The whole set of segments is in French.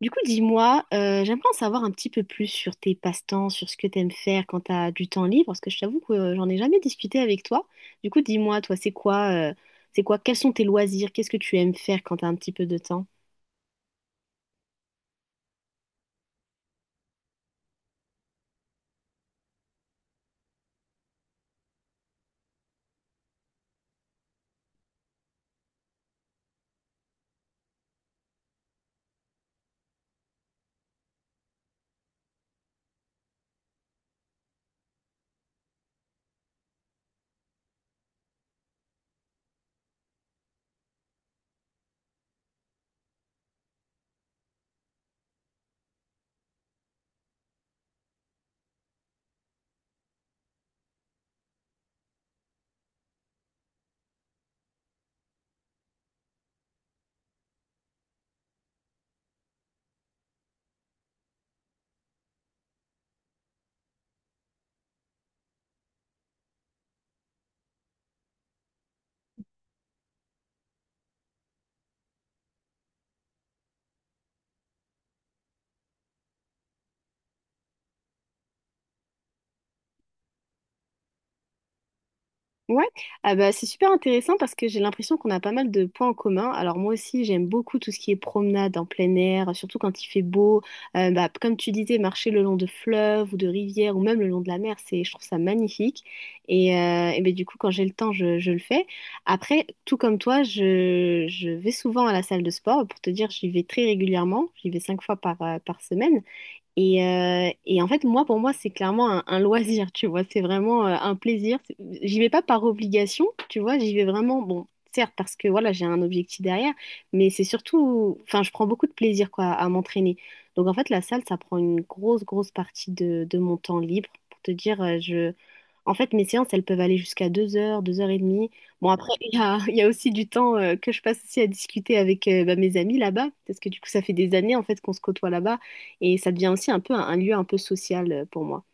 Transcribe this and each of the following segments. Du coup, dis-moi, j'aimerais en savoir un petit peu plus sur tes passe-temps, sur ce que t'aimes faire quand t'as du temps libre, parce que je t'avoue que j'en ai jamais discuté avec toi. Du coup, dis-moi, toi, c'est quoi, quels sont tes loisirs, qu'est-ce que tu aimes faire quand t'as un petit peu de temps? Ouais, ah bah, c'est super intéressant parce que j'ai l'impression qu'on a pas mal de points en commun. Alors moi aussi, j'aime beaucoup tout ce qui est promenade en plein air, surtout quand il fait beau. Bah, comme tu disais, marcher le long de fleuves ou de rivières ou même le long de la mer, c'est, je trouve ça magnifique. Et ben, du coup, quand j'ai le temps, je le fais. Après, tout comme toi, je vais souvent à la salle de sport. Pour te dire, j'y vais très régulièrement. J'y vais 5 fois par semaine. Et en fait, moi, pour moi, c'est clairement un loisir, tu vois. C'est vraiment un plaisir. J'y vais pas par obligation, tu vois. J'y vais vraiment, bon, certes, parce que voilà, j'ai un objectif derrière, mais c'est surtout, enfin, je prends beaucoup de plaisir, quoi, à m'entraîner. Donc, en fait, la salle, ça prend une grosse, grosse partie de mon temps libre. Pour te dire, je. En fait, mes séances, elles peuvent aller jusqu'à 2 heures, 2 heures et demie. Bon, après, il y a aussi du temps que je passe aussi à discuter avec bah, mes amis là-bas, parce que du coup, ça fait des années, en fait, qu'on se côtoie là-bas. Et ça devient aussi un peu un lieu un peu social pour moi.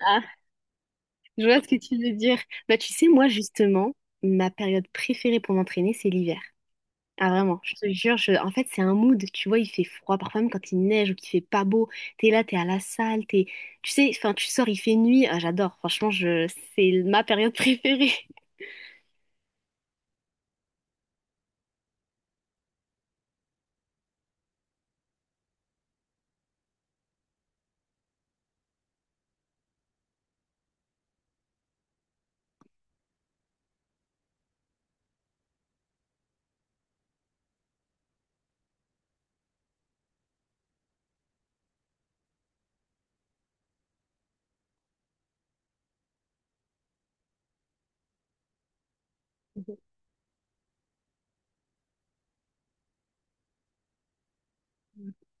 Ah, je vois ce que tu veux dire. Bah, tu sais, moi, justement, ma période préférée pour m'entraîner, c'est l'hiver. Ah, vraiment, je te jure, en fait, c'est un mood. Tu vois, il fait froid, parfois même quand il neige ou qu'il fait pas beau. T'es là, t'es à la salle, t'es. Tu sais, enfin, tu sors, il fait nuit. Ah, j'adore, franchement, je. C'est ma période préférée.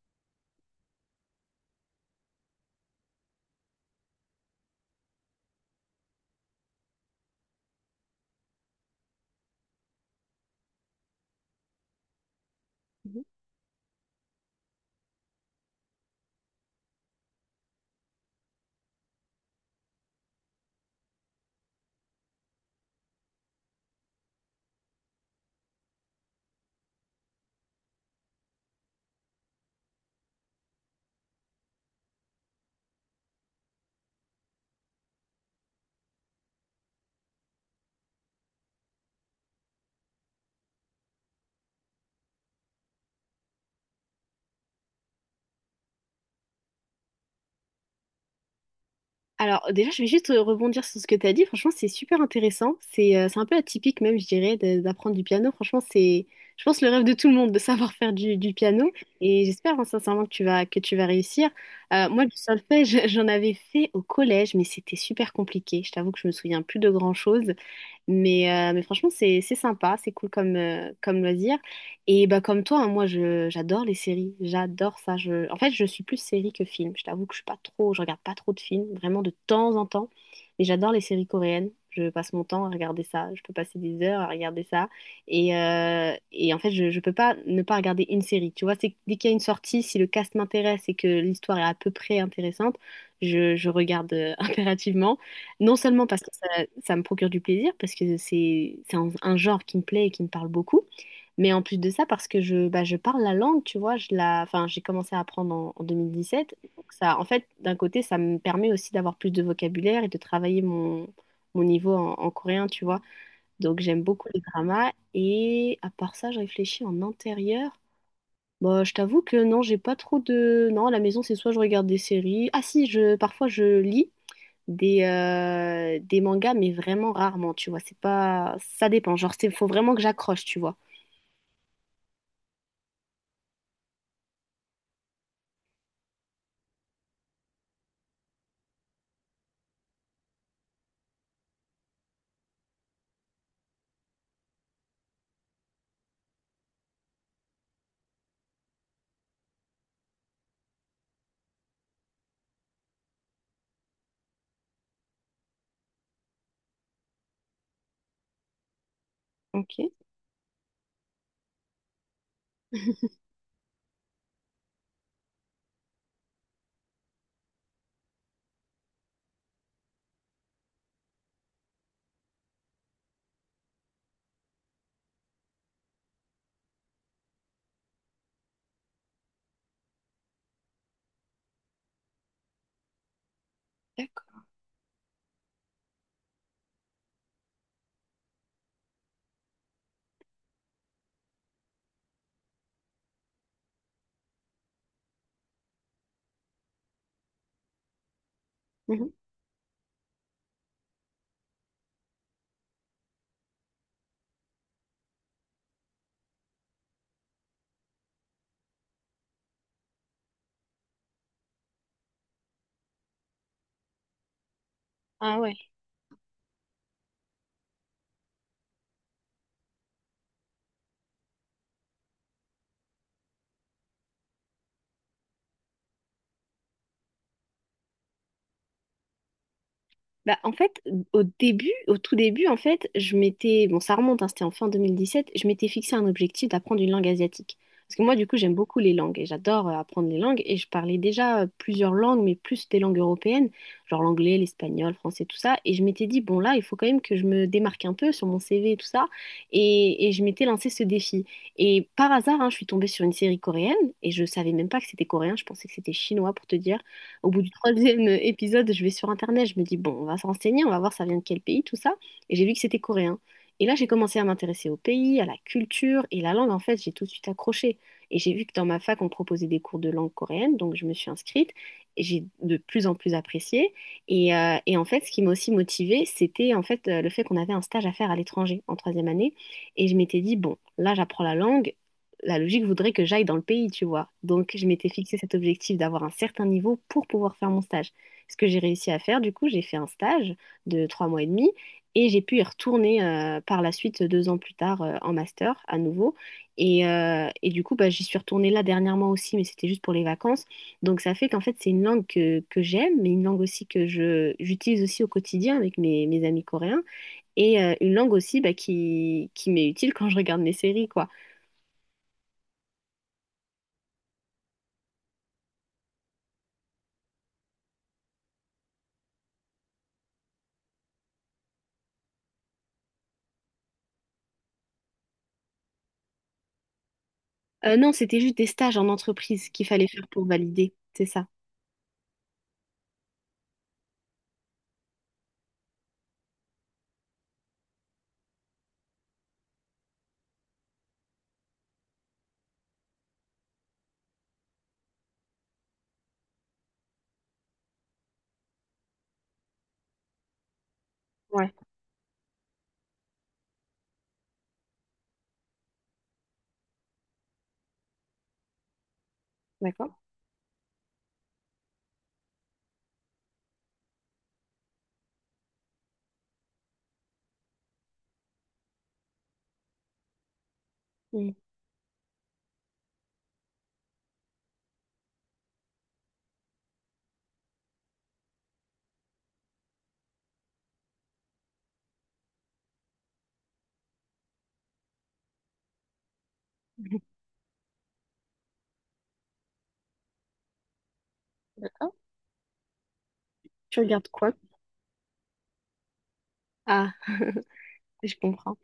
Alors déjà, je vais juste rebondir sur ce que tu as dit. Franchement, c'est super intéressant. C'est un peu atypique même, je dirais, d'apprendre du piano. Franchement, c'est, je pense, le rêve de tout le monde de savoir faire du piano. Et j'espère hein, sincèrement que tu vas réussir. Moi, du solfège, j'en avais fait au collège, mais c'était super compliqué. Je t'avoue que je me souviens plus de grand-chose. Mais franchement, c'est sympa, c'est cool comme loisir. Et bah, comme toi, hein, moi, j'adore les séries, j'adore ça. Je. En fait, je suis plus série que film. Je t'avoue que je suis pas trop, je regarde pas trop de films, vraiment de temps en temps. Mais j'adore les séries coréennes. Je passe mon temps à regarder ça. Je peux passer des heures à regarder ça. Et en fait, je peux pas ne pas regarder une série. Tu vois, c'est que dès qu'il y a une sortie, si le cast m'intéresse et que l'histoire est à peu près intéressante, je regarde impérativement. Non seulement parce que ça me procure du plaisir, parce que c'est un genre qui me plaît et qui me parle beaucoup, mais en plus de ça, parce que bah, je parle la langue, tu vois, enfin, j'ai commencé à apprendre en 2017. Donc ça, en fait, d'un côté, ça me permet aussi d'avoir plus de vocabulaire et de travailler mon niveau en coréen, tu vois. Donc j'aime beaucoup les dramas. Et à part ça, je réfléchis en intérieur. Bah, je t'avoue que non, j'ai pas trop de. Non, à la maison, c'est soit je regarde des séries. Ah si, parfois je lis des mangas, mais vraiment rarement, tu vois. C'est pas. Ça dépend, genre, il faut vraiment que j'accroche, tu vois. Ok, d'accord. Mhm. Ah ouais. Bah, en fait, au début, au tout début, en fait, je m'étais, bon, ça remonte, hein, c'était en fin 2017, je m'étais fixé un objectif d'apprendre une langue asiatique. Parce que moi, du coup, j'aime beaucoup les langues et j'adore apprendre les langues. Et je parlais déjà plusieurs langues, mais plus des langues européennes, genre l'anglais, l'espagnol, le français, tout ça. Et je m'étais dit, bon, là, il faut quand même que je me démarque un peu sur mon CV et tout ça. Et je m'étais lancé ce défi. Et par hasard, hein, je suis tombée sur une série coréenne et je savais même pas que c'était coréen, je pensais que c'était chinois pour te dire. Au bout du troisième épisode, je vais sur Internet, je me dis, bon, on va se renseigner, on va voir ça vient de quel pays, tout ça. Et j'ai vu que c'était coréen. Et là, j'ai commencé à m'intéresser au pays, à la culture et la langue, en fait, j'ai tout de suite accroché. Et j'ai vu que dans ma fac, on proposait des cours de langue coréenne, donc je me suis inscrite. Et j'ai de plus en plus apprécié. Et en fait, ce qui m'a aussi motivée, c'était en fait le fait qu'on avait un stage à faire à l'étranger en troisième année. Et je m'étais dit, bon, là, j'apprends la langue, la logique voudrait que j'aille dans le pays, tu vois. Donc, je m'étais fixé cet objectif d'avoir un certain niveau pour pouvoir faire mon stage. Ce que j'ai réussi à faire, du coup, j'ai fait un stage de 3 mois et demi et j'ai pu y retourner par la suite 2 ans plus tard en master à nouveau. Et du coup, bah, j'y suis retournée là dernièrement aussi, mais c'était juste pour les vacances. Donc, ça fait qu'en fait, c'est une langue que j'aime, mais une langue aussi que j'utilise aussi au quotidien avec mes amis coréens et une langue aussi bah, qui m'est utile quand je regarde mes séries, quoi. Non, c'était juste des stages en entreprise qu'il fallait faire pour valider, c'est ça. Ouais, d'accord. Mm. D'accord. Tu regardes quoi? Ah, je comprends.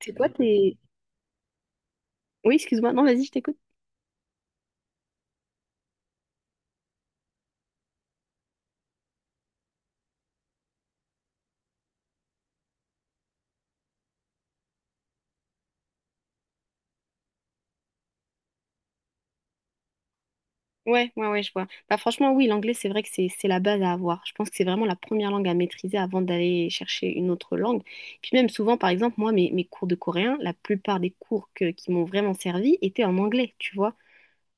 C'est quoi tes. Oui, excuse-moi. Non, vas-y, je t'écoute. Ouais, ouais, ouais, je vois. Bah, franchement, oui, l'anglais, c'est vrai que c'est la base à avoir. Je pense que c'est vraiment la première langue à maîtriser avant d'aller chercher une autre langue. Puis même souvent, par exemple, moi, mes cours de coréen, la plupart des cours qui m'ont vraiment servi étaient en anglais, tu vois.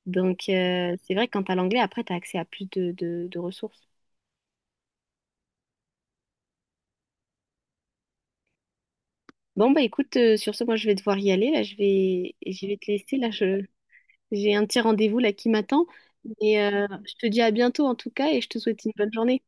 Donc, c'est vrai que quand t'as l'anglais, après, t'as accès à plus de ressources. Bon, bah écoute, sur ce, moi je vais devoir y aller. Là, je vais te laisser. Là, j'ai un petit rendez-vous là qui m'attend. Je te dis à bientôt en tout cas et je te souhaite une bonne journée.